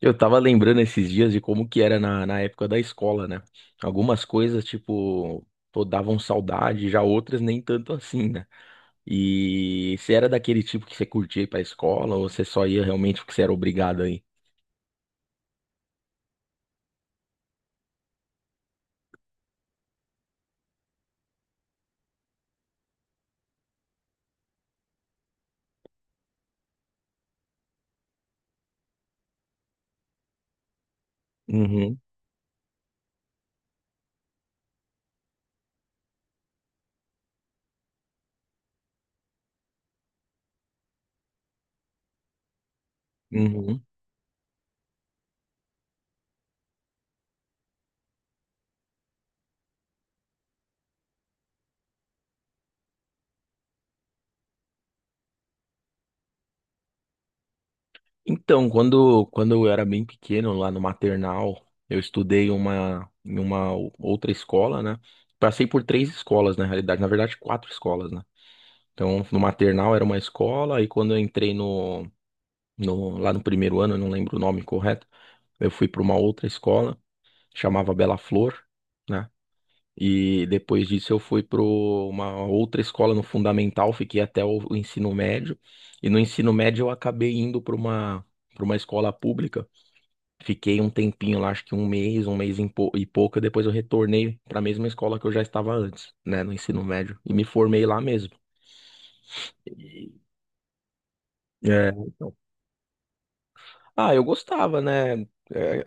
Eu tava lembrando esses dias de como que era na época da escola, né? Algumas coisas, tipo, pô, davam saudade, já outras nem tanto assim, né? E você era daquele tipo que você curtia ir pra escola ou você só ia realmente porque você era obrigado aí? Uhum, uhum. Então, quando eu era bem pequeno, lá no maternal, eu estudei em uma outra escola, né? Passei por três escolas, na realidade, na verdade, quatro escolas, né? Então, no maternal era uma escola, e quando eu entrei lá no primeiro ano, eu não lembro o nome correto. Eu fui para uma outra escola, chamava Bela Flor, né? E depois disso eu fui para uma outra escola no fundamental, fiquei até o ensino médio. E no ensino médio eu acabei indo para uma escola pública. Fiquei um tempinho lá, acho que um mês e pouco, depois eu retornei para a mesma escola que eu já estava antes, né, no ensino médio, e me formei lá mesmo. E- É, então. Ah, eu gostava, né? É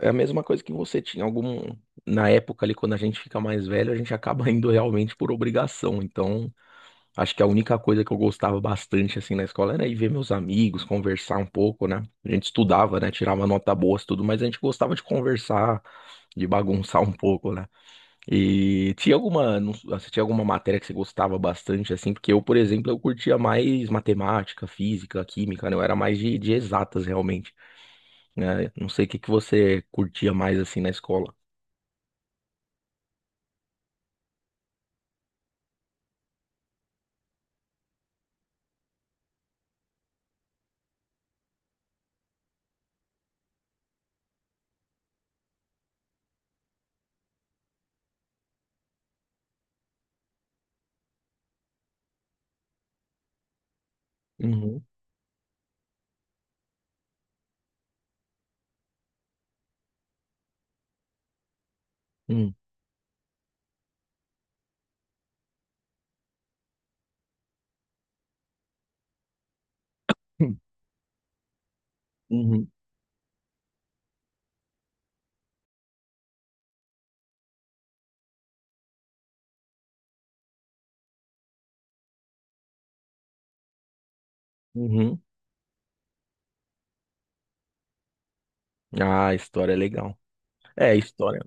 é a mesma coisa que você tinha algum na época ali quando a gente fica mais velho, a gente acaba indo realmente por obrigação. Então, acho que a única coisa que eu gostava bastante assim na escola era ir ver meus amigos, conversar um pouco, né? A gente estudava, né? Tirava nota boa, tudo, mas a gente gostava de conversar, de bagunçar um pouco, né? E tinha alguma, não- s- ah, você tinha alguma matéria que você gostava bastante assim? Porque eu, por exemplo, eu curtia mais matemática, física, química, né? Eu era mais de exatas realmente, né? Não sei o que que você curtia mais assim na escola. Uhum, uhum, uhum, uhum. Ah, história é legal. É, história.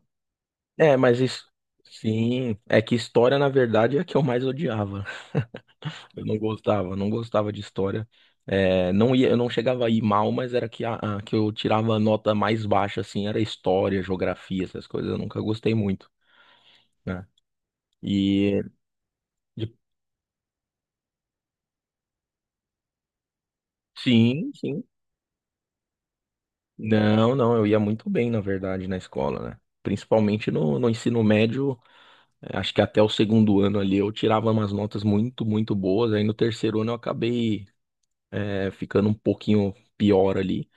É, mas isso. Sim, é que história, na verdade, é a que eu mais odiava. Eu não gostava, não gostava de história. É, não ia, eu não chegava a ir mal, mas era que, que eu tirava a nota mais baixa, assim, era história, geografia, essas coisas, eu nunca gostei muito, né? E de- sim, sim. Não, não, eu ia muito bem, na verdade, na escola, né? Principalmente no ensino médio, acho que até o segundo ano ali eu tirava umas notas muito, muito boas. Aí no terceiro ano eu acabei, ficando um pouquinho pior ali,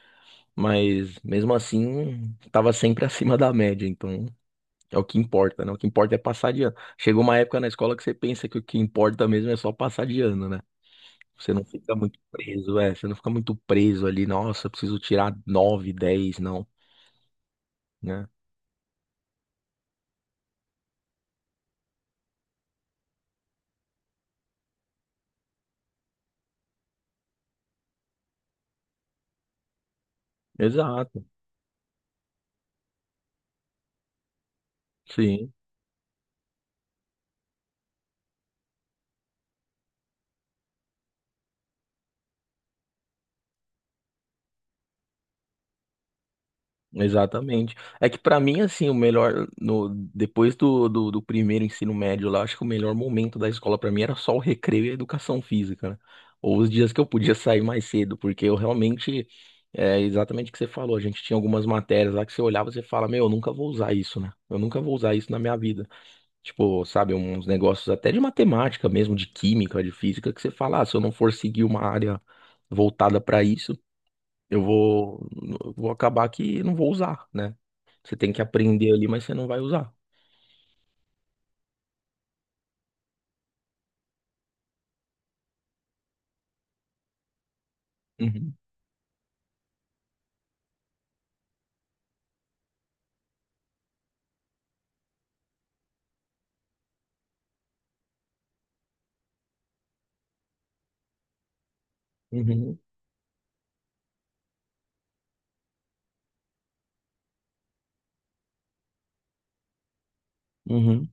mas mesmo assim, tava sempre acima da média, então é o que importa, né? O que importa é passar de ano. Chegou uma época na escola que você pensa que o que importa mesmo é só passar de ano, né? Você não fica muito preso, você não fica muito preso ali, nossa, eu preciso tirar nove, 10, não, né? Exato. Sim, exatamente. É que pra mim, assim, o melhor, no, depois do primeiro ensino médio lá, acho que o melhor momento da escola pra mim era só o recreio e a educação física, né? Ou os dias que eu podia sair mais cedo, porque eu realmente, é exatamente o que você falou, a gente tinha algumas matérias lá que você olhava e você fala, meu, eu nunca vou usar isso, né? Eu nunca vou usar isso na minha vida. Tipo, sabe, uns negócios até de matemática mesmo, de química, de física, que você fala, ah, se eu não for seguir uma área voltada pra isso, Eu vou, eu vou acabar que não vou usar, né? Você tem que aprender ali, mas você não vai usar. Uhum, uhum, uhum,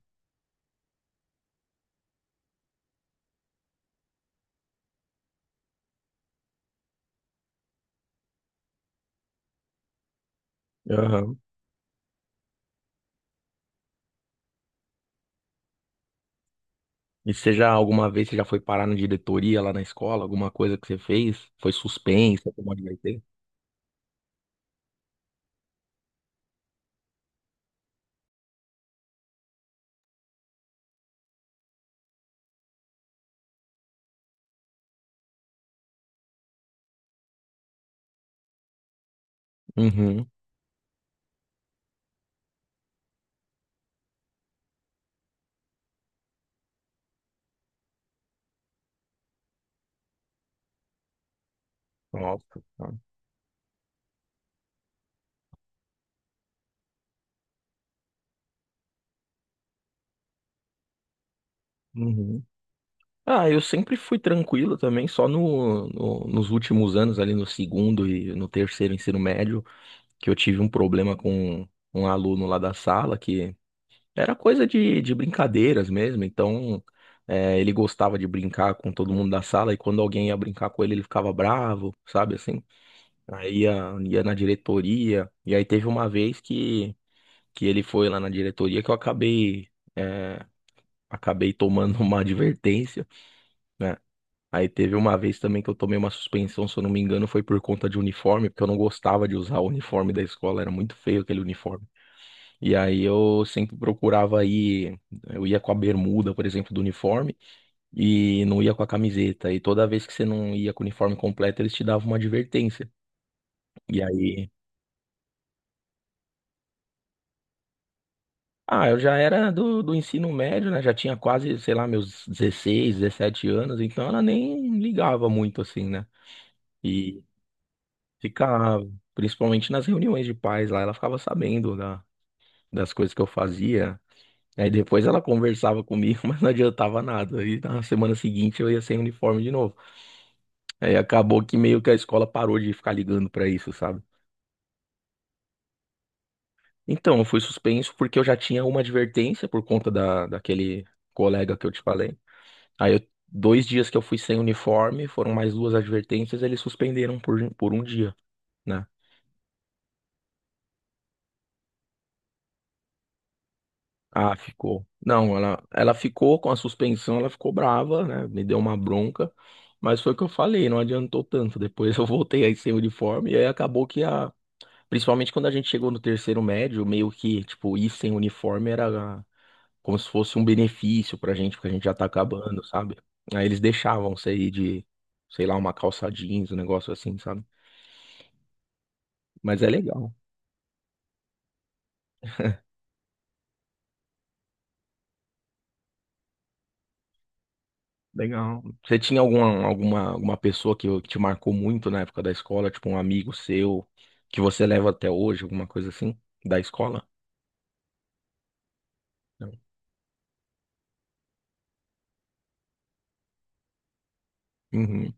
aham. E você já, alguma vez, você já foi parar na diretoria lá na escola? Alguma coisa que você fez? Foi suspensa, como é que vai ter? Uhum. Nossa. Tá. Uhum. Ah, eu sempre fui tranquilo também, só nos últimos anos, ali no segundo e no terceiro ensino médio, que eu tive um problema com um aluno lá da sala, que era coisa de brincadeiras mesmo, então, ele gostava de brincar com todo mundo da sala e quando alguém ia brincar com ele, ele ficava bravo, sabe assim? Aí ia na diretoria, e aí teve uma vez que ele foi lá na diretoria que eu acabei, é, acabei tomando uma advertência, né? Aí teve uma vez também que eu tomei uma suspensão, se eu não me engano, foi por conta de uniforme, porque eu não gostava de usar o uniforme da escola, era muito feio aquele uniforme. E aí eu sempre procurava ir, eu ia com a bermuda, por exemplo, do uniforme e não ia com a camiseta. E toda vez que você não ia com o uniforme completo, eles te davam uma advertência. E aí, ah, eu já era do ensino médio, né? Já tinha quase, sei lá, meus 16 17 anos, então ela nem ligava muito assim, né? E ficava, principalmente nas reuniões de pais lá, ela ficava sabendo das coisas que eu fazia. Aí depois ela conversava comigo, mas não adiantava nada. Aí na semana seguinte eu ia sem uniforme de novo. Aí acabou que meio que a escola parou de ficar ligando pra isso, sabe? Então, eu fui suspenso porque eu já tinha uma advertência por conta daquele colega que eu te falei. Dois dias que eu fui sem uniforme, foram mais duas advertências, eles suspenderam por um dia, né? Ah, ficou. Não, ela ficou com a suspensão, ela ficou brava, né? Me deu uma bronca, mas foi o que eu falei, não adiantou tanto. Depois eu voltei aí sem uniforme, e aí acabou que a. Principalmente quando a gente chegou no terceiro médio, meio que, tipo, ir sem uniforme era como se fosse um benefício pra gente, porque a gente já tá acabando, sabe? Aí eles deixavam você ir de, sei lá, uma calça jeans, um negócio assim, sabe? Mas é legal. Legal. Você tinha alguma pessoa que te marcou muito na época da escola, tipo um amigo seu, que você leva até hoje, alguma coisa assim, da escola? Não. Uhum,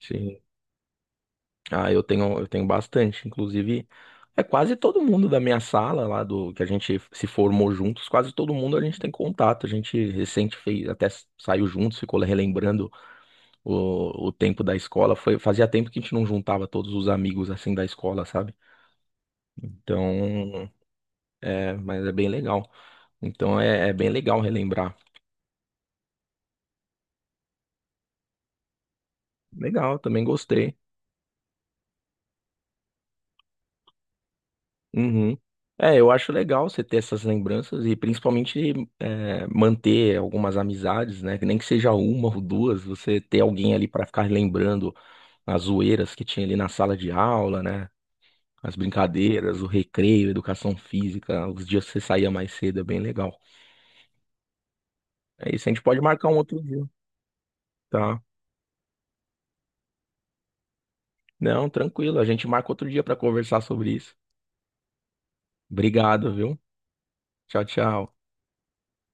sim. Ah, eu tenho bastante. Inclusive, é quase todo mundo da minha sala lá do que a gente se formou juntos, quase todo mundo a gente tem contato. A gente recente fez, até saiu juntos, ficou relembrando o tempo da escola. Foi, fazia tempo que a gente não juntava todos os amigos assim da escola, sabe? Então, mas é bem legal. Então é bem legal relembrar. Legal, também gostei. Uhum. É, eu acho legal você ter essas lembranças e principalmente manter algumas amizades, né? Que nem que seja uma ou duas, você ter alguém ali para ficar lembrando as zoeiras que tinha ali na sala de aula, né? As brincadeiras, o recreio, educação física, os dias que você saía mais cedo, é bem legal. É isso, a gente pode marcar um outro dia, tá? Não, tranquilo, a gente marca outro dia para conversar sobre isso. Obrigado, viu? Tchau, tchau.